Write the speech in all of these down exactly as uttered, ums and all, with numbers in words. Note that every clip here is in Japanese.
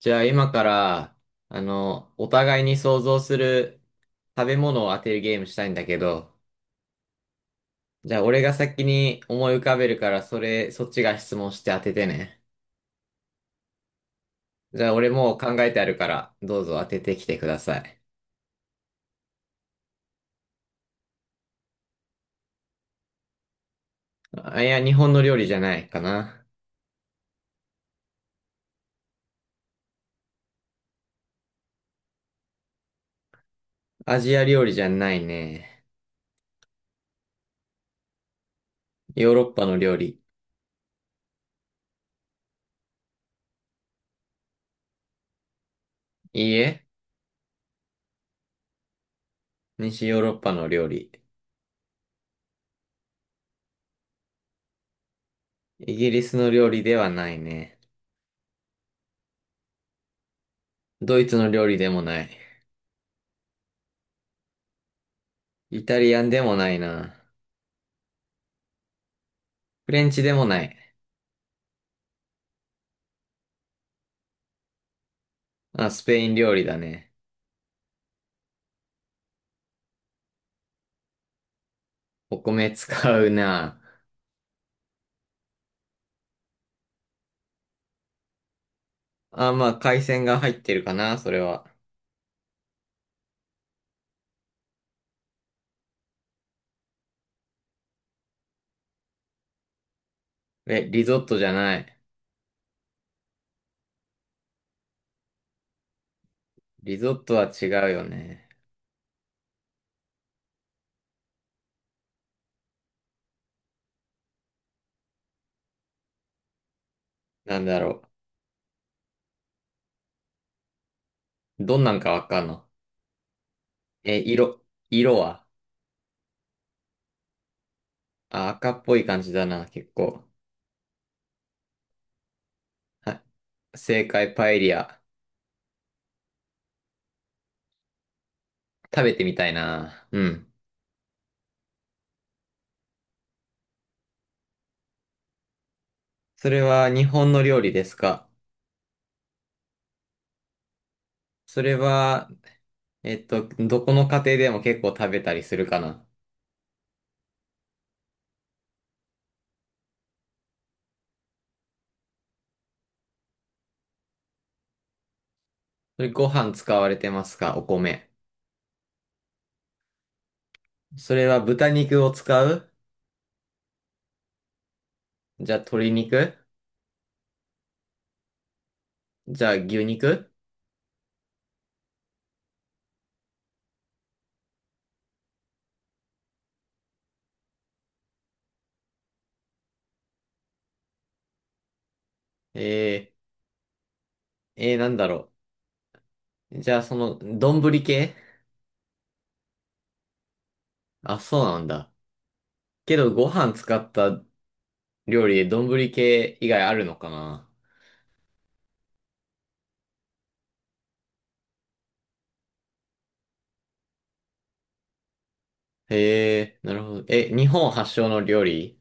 じゃあ今から、あの、お互いに想像する食べ物を当てるゲームしたいんだけど、じゃあ俺が先に思い浮かべるから、それ、そっちが質問して当ててね。じゃあ俺もう考えてあるから、どうぞ当ててきてください。あ、いや、日本の料理じゃないかな。アジア料理じゃないね。ヨーロッパの料理。いいえ、西ヨーロッパの料理。イギリスの料理ではないね。ドイツの料理でもない。イタリアンでもないな。フレンチでもない。あ、スペイン料理だね。お米使うな。あ、まあ、海鮮が入ってるかな、それは。え、リゾットじゃない。リゾットは違うよね。なんだろう。どんなんかわかんの？え、色、色は？あ、赤っぽい感じだな、結構。はい。正解、パエリア。食べてみたいな。うん。それは日本の料理ですか？それは、えっと、どこの家庭でも結構食べたりするかな？それご飯使われてますか？お米。それは豚肉を使う？じゃあ鶏肉？じゃあ牛肉？えー、えー、なんだろう。じゃあその、丼系？あ、そうなんだ。けどご飯使った料理で丼系以外あるのかな？へえー、なるほど。え、日本発祥の料理？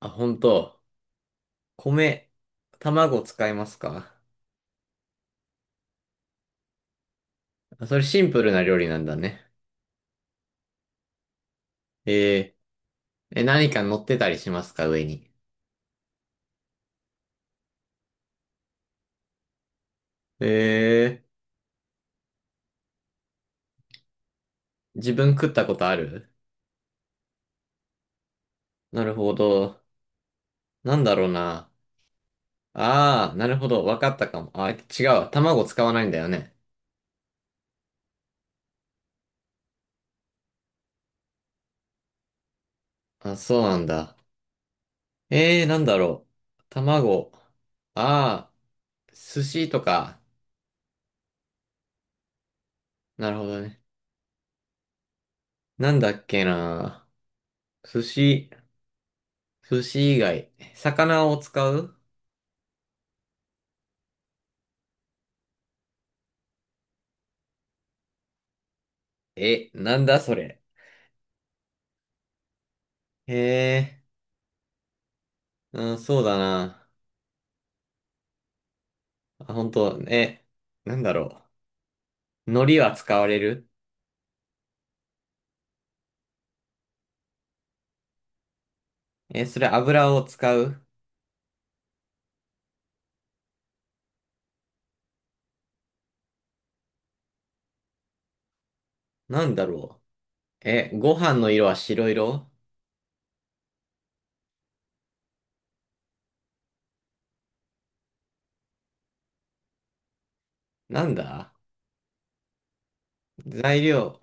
あ、本当。米、卵使いますか？あ、それシンプルな料理なんだね。えー、え、何か乗ってたりしますか上に。えー、自分食ったことある？なるほど。なんだろうな。ああ、なるほど。わかったかも。あ、違うわ。卵使わないんだよね。あ、そうなんだ。ええー、なんだろう。卵。ああ、寿司とか。なるほどね。なんだっけな。寿司、寿司以外。魚を使う？え、なんだそれ。ええー、うん、そうだな。あ、本当？え、なんだろう。海苔は使われる？え、それ油を使う？なんだろう。え、ご飯の色は白色？なんだ材料、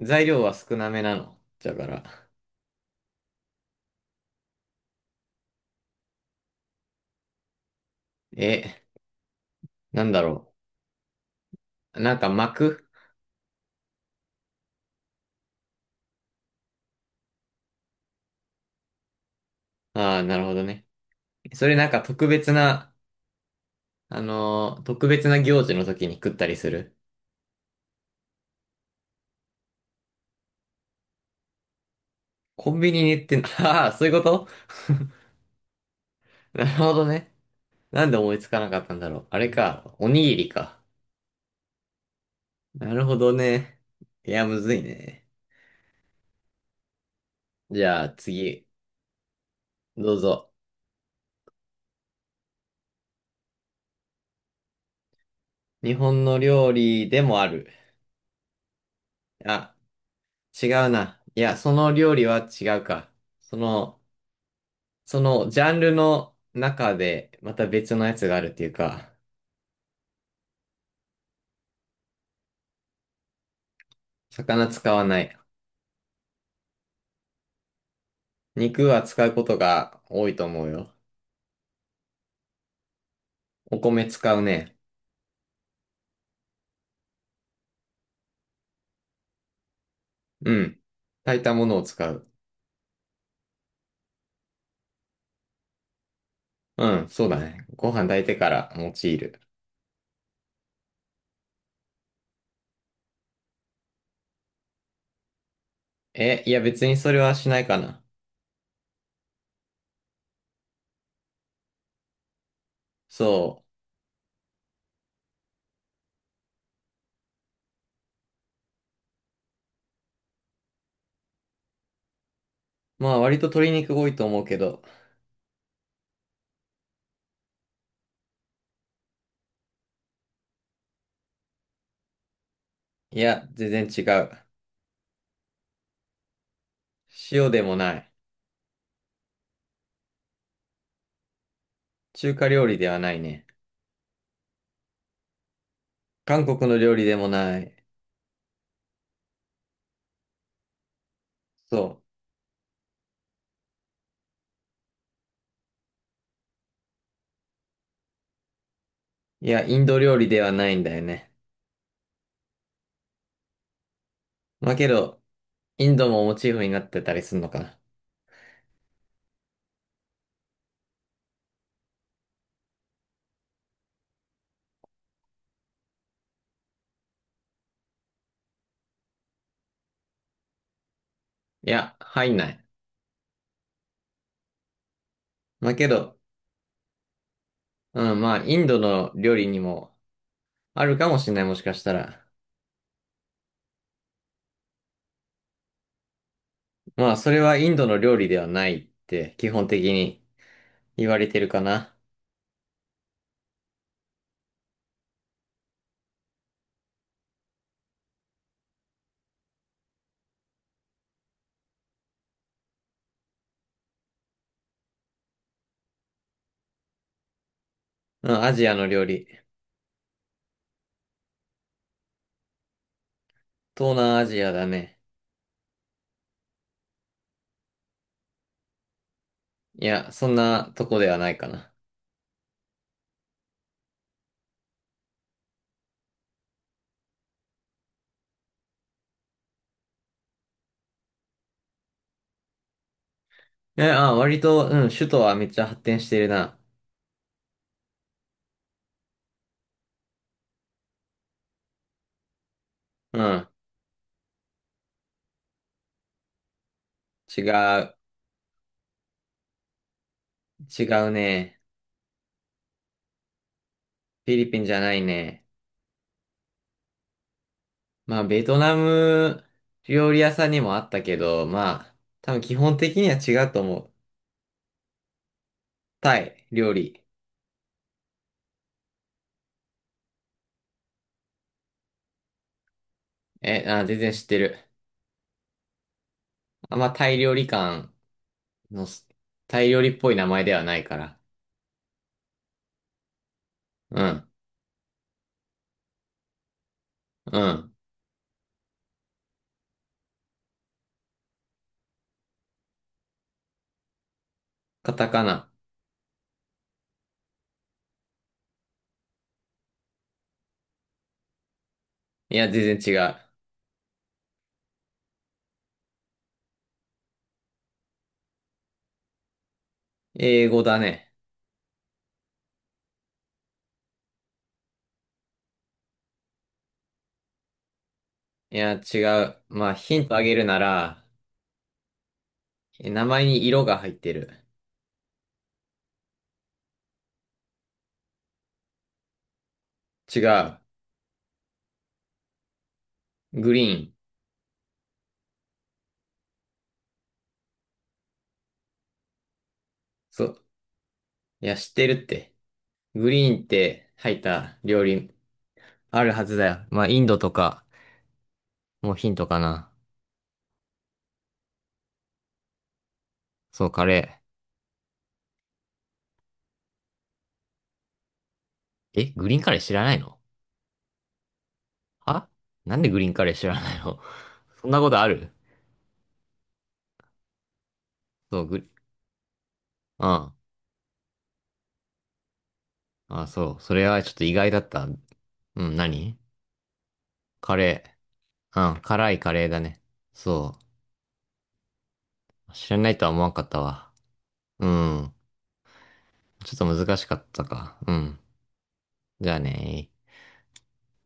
材料は少なめなの。だから。え、なんだろう。なんか巻く？ああー、なるほどね。それなんか特別な、あのー特別な行事の時に食ったりする。コンビニに行ってん、ああ、そういうこと？なるほどね。なんで思いつかなかったんだろう。あれか、おにぎりか。なるほどね。いや、むずいね。じゃあ次、どうぞ。日本の料理でもある。あ、違うな。いや、その料理は違うか。その、そのジャンルの中でまた別のやつがあるっていうか、魚使わない。肉は使うことが多いと思うよ。お米使うね。うん。炊いたものを使う。うん、そうだね。ご飯炊いてから用いる。え、いや別にそれはしないかな。そう。まあ割と鶏肉多いと思うけど。いや、全然違う。塩でもない。中華料理ではないね。韓国の料理でもない。そう。いや、インド料理ではないんだよね。まあけど、インドもモチーフになってたりするのかな。いや、入んない。まあけど、うん、まあ、インドの料理にもあるかもしれない、もしかしたら。まあ、それはインドの料理ではないって基本的に言われてるかな。うん、アジアの料理。東南アジアだね。いや、そんなとこではないかな。え、あ、割と、うん、首都はめっちゃ発展してるな。うん、違う。違うね。フィリピンじゃないね。まあ、ベトナム料理屋さんにもあったけど、まあ、多分基本的には違うと思う。タイ料理。え、あ、全然知ってる。あんまタイ料理館のす、タイ料理っぽい名前ではないから。うん、うん。カタカナ。いや、全然違う。英語だね。いや、違う。まあ、ヒントあげるなら、え名前に色が入ってる。違う。グリーン。そう。いや、知ってるって。グリーンって入った料理あるはずだよ。まあ、インドとか、もうヒントかな。そう、カレー。え、グリーンカレー知らないの？は、なんでグリーンカレー知らないの？ そんなことある？そう、グリ、うん。あ、そう。それはちょっと意外だった。うん、何カレー。うん、辛いカレーだね。そう。知らないとは思わんかったわ。うん。ちょっと難しかったか。うん。じゃあね